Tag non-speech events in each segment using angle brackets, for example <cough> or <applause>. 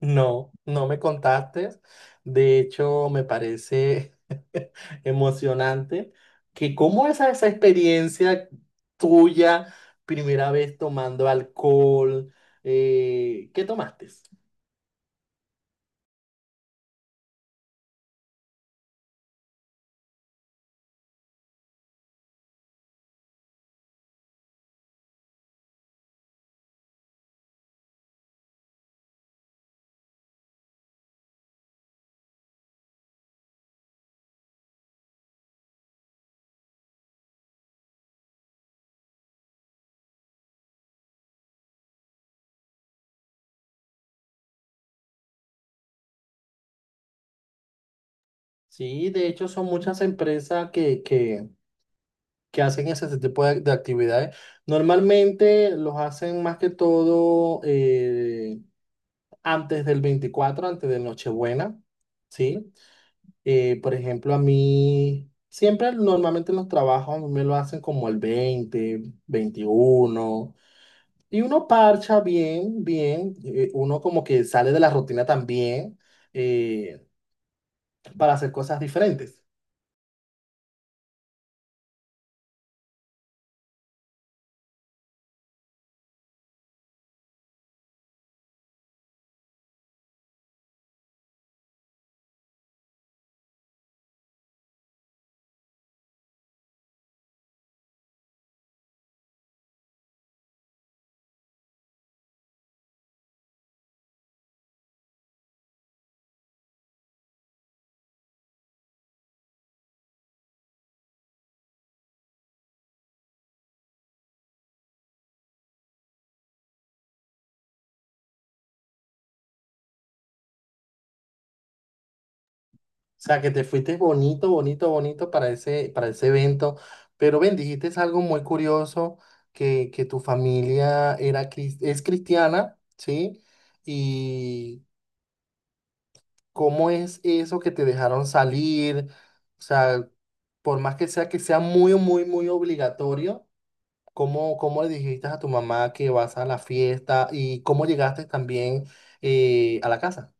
No, no me contaste. De hecho, me parece <laughs> emocionante que cómo es esa experiencia tuya, primera vez tomando alcohol, ¿qué tomaste? Sí, de hecho son muchas empresas que hacen ese tipo de actividades. Normalmente los hacen más que todo antes del 24, antes de Nochebuena, ¿sí? Por ejemplo, a mí, siempre normalmente en los trabajos a mí me lo hacen como el 20, 21 y uno parcha bien, bien, uno como que sale de la rutina también eh, para hacer cosas diferentes. O sea, que te fuiste bonito, bonito, bonito para ese evento, pero ven, dijiste es algo muy curioso, que tu familia era, es cristiana, ¿sí? Y ¿cómo es eso que te dejaron salir? O sea, por más que sea muy, muy, muy obligatorio, ¿cómo le dijiste a tu mamá que vas a la fiesta y cómo llegaste también a la casa?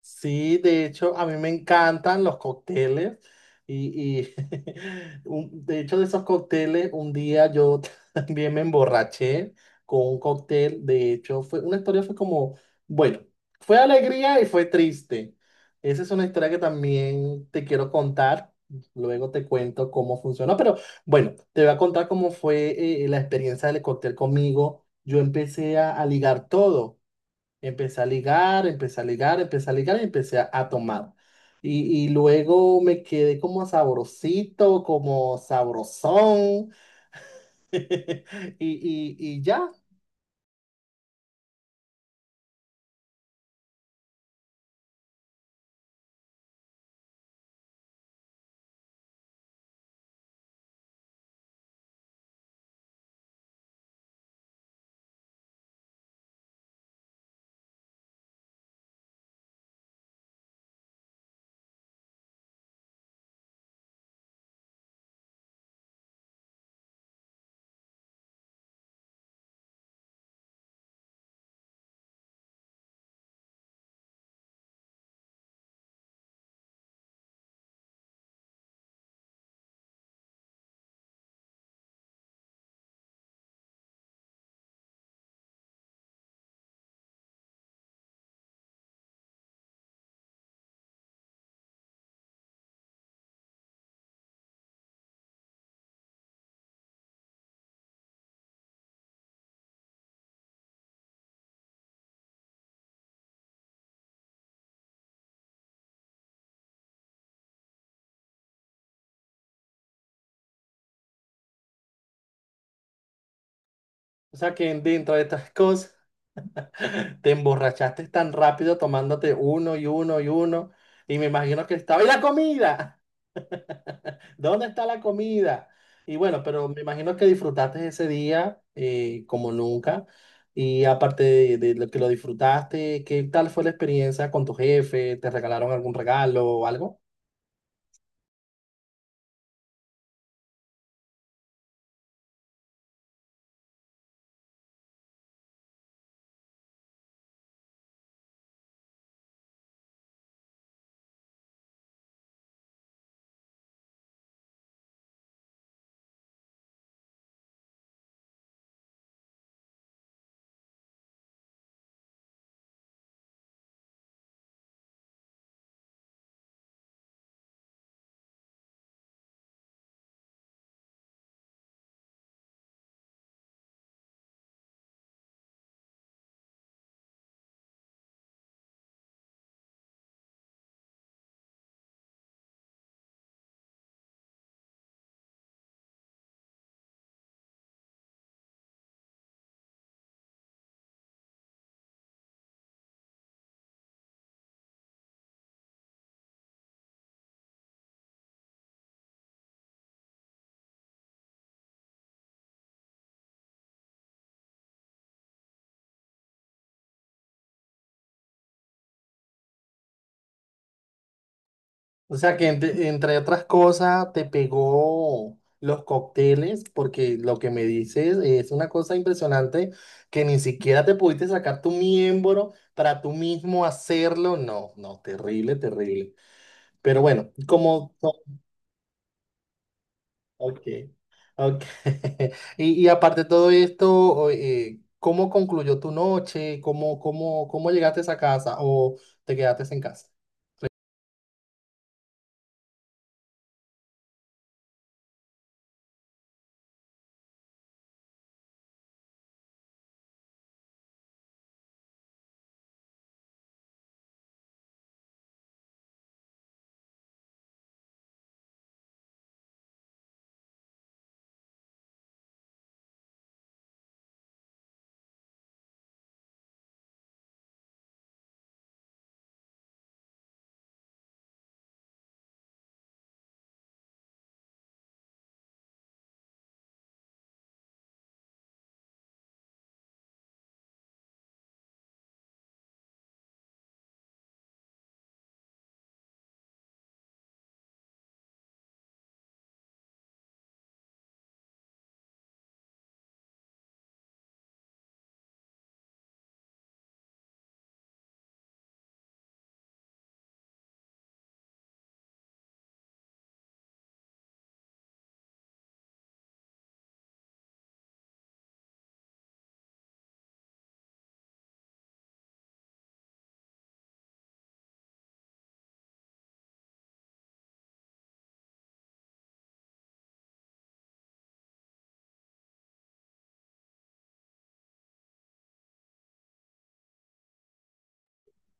Sí, de hecho, a mí me encantan los cócteles y <laughs> de hecho de esos cócteles, un día yo <laughs> también me emborraché con un cóctel, de hecho, fue una historia fue como, bueno, fue alegría y fue triste. Esa es una historia que también te quiero contar, luego te cuento cómo funcionó, pero bueno, te voy a contar cómo fue la experiencia del cóctel conmigo. Yo empecé a ligar todo. Empecé a ligar, empecé a ligar, empecé a ligar y empecé a tomar. Y luego me quedé como sabrosito, como sabrosón. <laughs> Y ya. O sea que dentro de estas <laughs> cosas te emborrachaste tan rápido tomándote uno y uno y uno. Y me imagino que estaba. ¡Y la comida! ¿Dónde está la comida? Y bueno, pero me imagino que disfrutaste ese día como nunca. Y aparte de lo que lo disfrutaste, ¿qué tal fue la experiencia con tu jefe? ¿Te regalaron algún regalo o algo? O sea que entre otras cosas te pegó los cócteles, porque lo que me dices es una cosa impresionante que ni siquiera te pudiste sacar tu miembro para tú mismo hacerlo. No, no, terrible, terrible. Pero bueno, como. Ok, ok. <laughs> Y aparte de todo esto, ¿cómo, concluyó tu noche? cómo llegaste a esa casa o te quedaste en casa?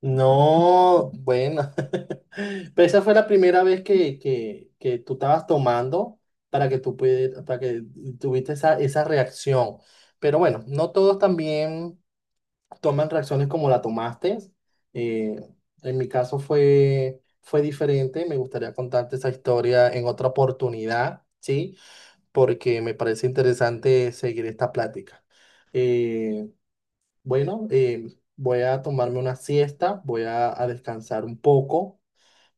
No, bueno, <laughs> pero esa fue la primera vez que tú estabas tomando para que tuviste esa reacción. Pero bueno, no todos también toman reacciones como la tomaste. Eh, en mi caso fue diferente. Me gustaría contarte esa historia en otra oportunidad, ¿sí? Porque me parece interesante seguir esta plática. Eh, bueno, voy a tomarme una siesta, voy a descansar un poco.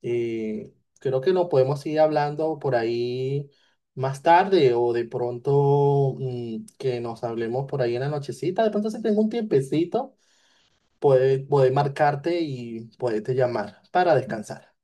Eh, Creo que nos podemos ir hablando por ahí más tarde o de pronto que nos hablemos por ahí en la nochecita. De pronto si tengo un tiempecito puede marcarte y puede te llamar para descansar.